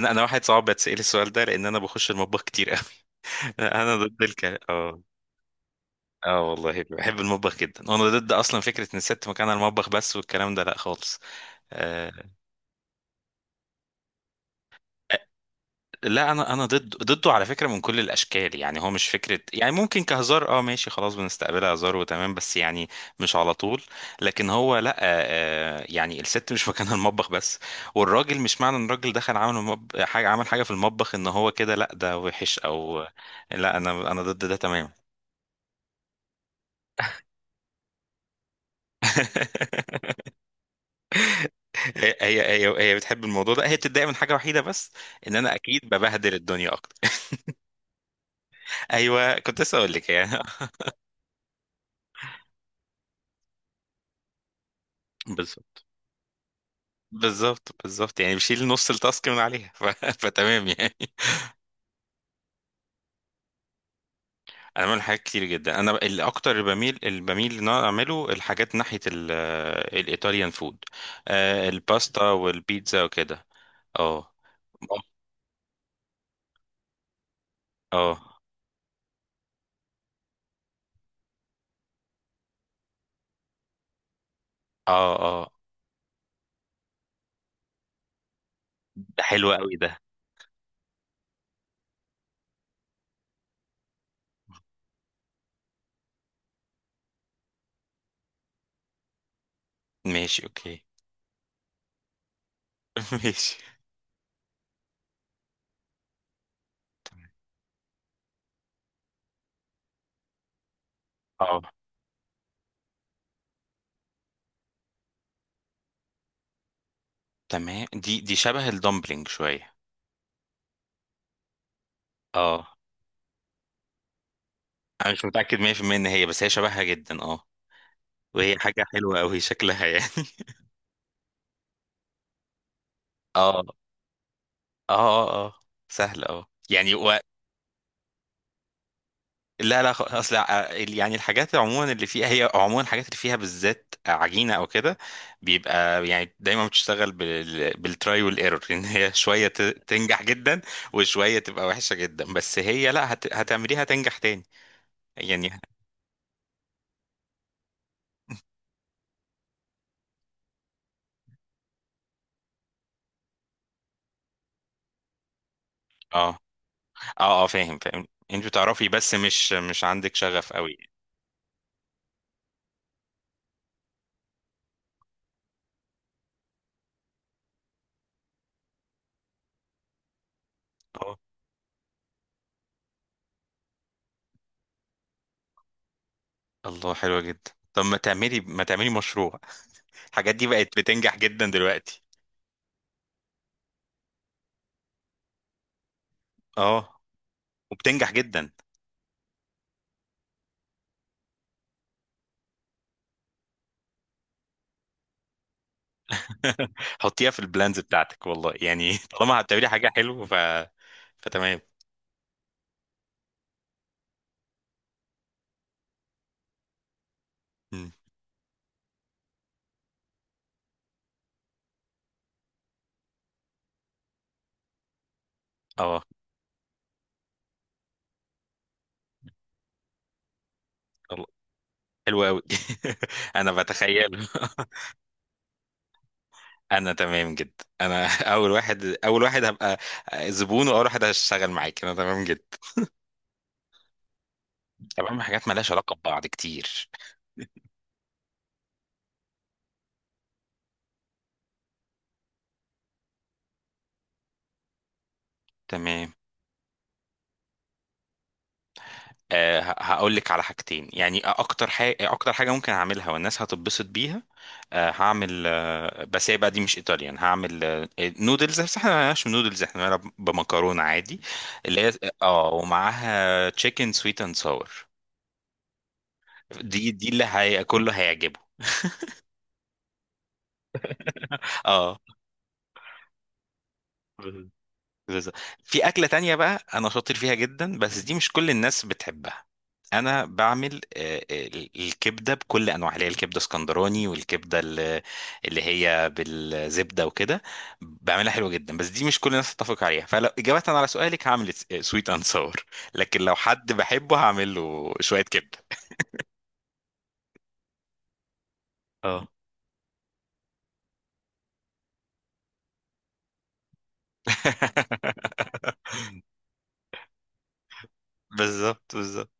انا واحد صعب بتسأل السؤال ده لان انا بخش المطبخ كتير قوي. انا ضد الك اه. اه والله بحب المطبخ جدا، وانا ضد اصلا فكره ان الست مكانها المطبخ بس، والكلام ده لا خالص. آه. لا انا ضد ضده على فكره من كل الاشكال، يعني هو مش فكره، يعني ممكن كهزار، اه ماشي خلاص بنستقبلها هزار وتمام، بس يعني مش على طول. لكن هو لا، يعني الست مش مكانها المطبخ بس، والراجل مش معنى ان الراجل دخل عمل حاجه، عمل حاجه في المطبخ، ان هو كده لا، ده وحش او... لا انا ضد ده تماما. هي بتحب الموضوع ده، هي بتتضايق من حاجه وحيده بس، ان انا اكيد ببهدل الدنيا اكتر. ايوه، كنت لسه اقول لك يعني. بالظبط، بالظبط، بالظبط، يعني بشيل نص التاسك من عليها فتمام يعني. انا بعمل حاجات كتير جدا، انا اكتر اللي بميل ان انا اعمله الحاجات ناحيه الايطاليان فود. آه، الباستا والبيتزا وكده. اه اه اه اه، ده حلو قوي ده. ماشي، اوكي. ماشي. اه تمام، دي شبه الدمبلينج شوية. اه، انا مش متأكد 100% ان هي، بس هي شبهها جدا اه. وهي حاجة حلوة قوي شكلها يعني. اه اه اه اه، سهل اه يعني و... لا لا، اصل يعني الحاجات عموما اللي فيها، هي عموما الحاجات اللي فيها بالذات عجينه او كده، بيبقى يعني دايما بتشتغل بالتراي والايرور، ان هي شويه تنجح جدا، وشويه تبقى وحشه جدا، بس هي لا هتعمليها تنجح تاني يعني. اه اه اه، فاهم فاهم انت بتعرفي، بس مش عندك شغف قوي. اه، الله حلوة جدا، طب ما تعملي ما تعملي مشروع، الحاجات دي بقت بتنجح جدا دلوقتي. اه، وبتنجح جدا. حطيها في البلانز بتاعتك والله، يعني طالما هتعملي حاجة حلوة فتمام. مم. اه، الله، حلو قوي. انا بتخيله. انا تمام جدا، انا اول واحد هبقى زبون، واول واحد هشتغل معاك، انا تمام جدا. طب اعمل حاجات مالهاش علاقة ببعض كتير. تمام. هقول لك على حاجتين، يعني اكتر حاجه اكتر حاجه ممكن اعملها والناس هتتبسط بيها. هعمل، بس هي بقى دي مش ايطاليان، هعمل نودلز، بس احنا ما بنعملش نودلز، احنا بنعملها بمكرونه عادي، اللي هي اه، ومعاها تشيكن سويت اند ساور. دي اللي هي كله هيعجبه. اه بالظبط. في أكلة تانية بقى أنا شاطر فيها جدا، بس دي مش كل الناس بتحبها. أنا بعمل الكبدة بكل أنواعها، اللي هي الكبدة اسكندراني، والكبدة اللي هي بالزبدة وكده. بعملها حلوة جدا، بس دي مش كل الناس تتفق عليها، فلو إجابة على سؤالك هعمل سويت أند ساور. لكن لو حد بحبه هعمل له شوية كبدة. اه. بالظبط، بالظبط.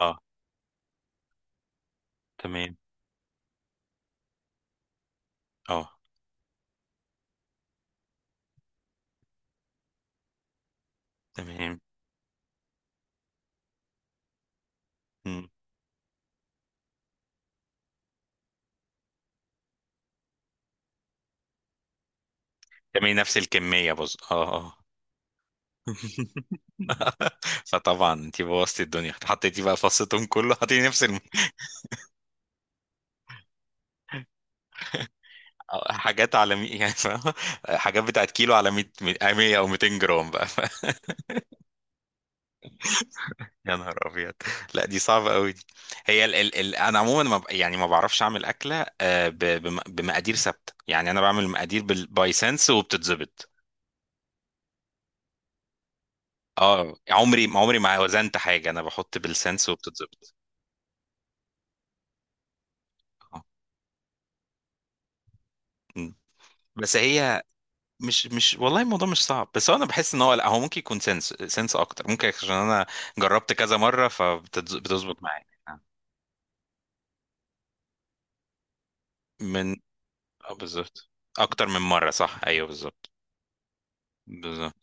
اه تمام. اه تمام. مم. تمام، نفس الكمية، بص اه اه. فطبعا انت بوظتي الدنيا، حطيتي بقى فصتهم كله، حطيتي نفس حاجات على يعني فاهمة؟ حاجات بتاعت كيلو على 100 100 او 200 جرام بقى. يا نهار ابيض، لا دي صعبه قوي دي. هي انا عموما ما... يعني ما بعرفش اعمل اكله، بمقادير ثابته، يعني انا بعمل مقادير باي سنس وبتتظبط. اه، عمري عمري ما وزنت حاجه، انا بحط بالسنس وبتتظبط. آه. م. بس هي، مش والله الموضوع مش صعب، بس هو انا بحس ان هو لا، هو ممكن يكون سنس سنس اكتر ممكن، عشان انا جربت كذا مره فبتظبط معايا. من اه بالظبط، اكتر من مره، صح، ايوه بالظبط، بالظبط.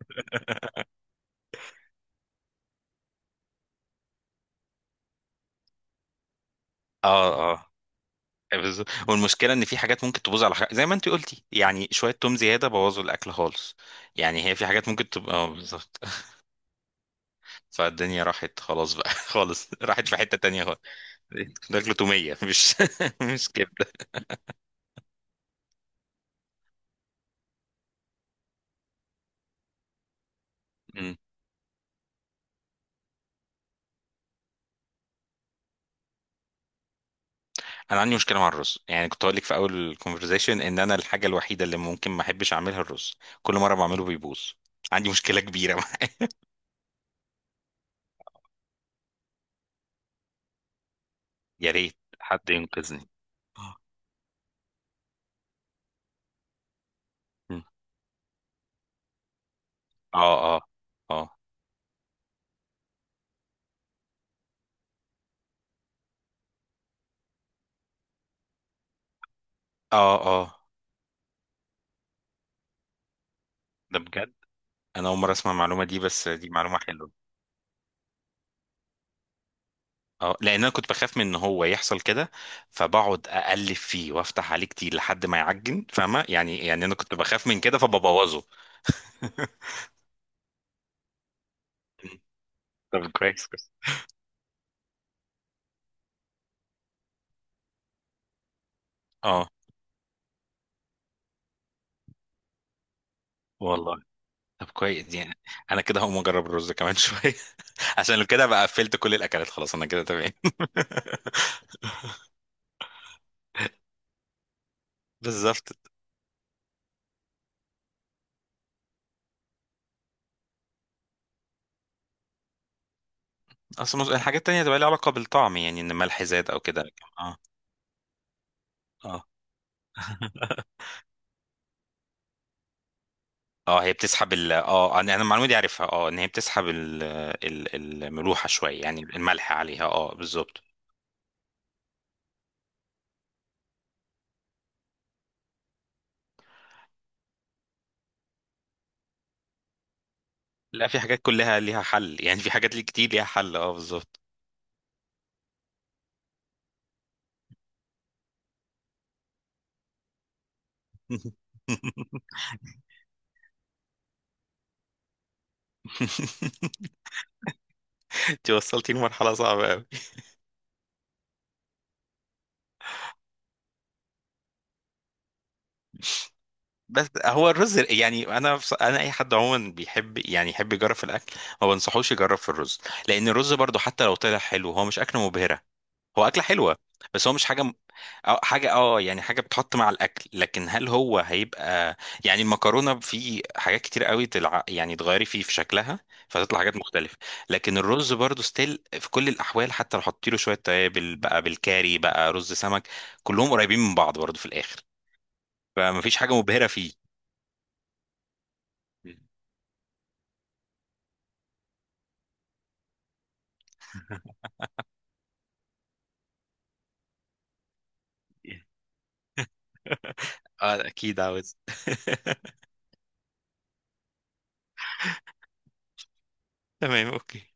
اه اه بالظبط، والمشكله ان في حاجات ممكن تبوظ على حاجة، زي ما انت قلتي يعني، شويه توم زياده بوظوا الاكل خالص. يعني هي في حاجات ممكن تبقى اه بالظبط. فالدنيا راحت خلاص بقى. خالص، راحت في حته تانية خالص. ده اكل توميه مش مش كبده. إمم. انا عندي مشكله مع الرز، يعني كنت هقول لك في اول الكونفرزيشن ان انا الحاجه الوحيده اللي ممكن ما احبش اعملها الرز، كل مره بعمله بيبوظ. عندي مشكله كبيره معاه. يا ريت حد ينقذني. م. اه اه اه اه اه، ده بجد؟ انا اول مره اسمع المعلومه دي، بس دي معلومه حلوه. اه، لان انا كنت بخاف من ان هو يحصل كده، فبقعد اقلب فيه وافتح عليه كتير لحد ما يعجن، فاهمه يعني، يعني انا كنت بخاف من كده فببوظه. طب كويس كويس. اه والله، طب كويس يعني، انا كده هقوم اجرب الرز كمان شويه. عشان لو كده بقى قفلت كل الاكلات خلاص، انا كده تمام. بالظبط، الحاجات التانية تبقى لها علاقه بالطعم، يعني ان ملح زاد او كده، لكن اه. اه. اه، هي بتسحب ال اه انا، أنا المعلومه دي عارفها، اه ان هي بتسحب ال ال الملوحه شويه يعني، الملح عليها اه بالظبط. لا، في حاجات كلها ليها حل، يعني في حاجات ليه كتير ليها حل، اه بالظبط. انت وصلتي لمرحله صعبه. بس هو الرز، يعني انا انا اي حد عموما بيحب يعني يحب يجرب في الاكل، ما بنصحوش يجرب في الرز، لان الرز برضو حتى لو طلع حلو هو مش اكله مبهره، هو اكله حلوه، بس هو مش حاجه أو حاجه اه، يعني حاجه بتحط مع الاكل، لكن هل هو هيبقى، يعني المكرونه في حاجات كتير قوي يعني تغيري فيه في شكلها فتطلع حاجات مختلفه. لكن الرز برضو ستيل في كل الاحوال، حتى لو حطيت له شويه توابل بقى، بالكاري بقى رز سمك، كلهم قريبين من بعض برضو في الاخر، فمفيش حاجه مبهره فيه. اه اكيد عاوز. تمام، اوكي.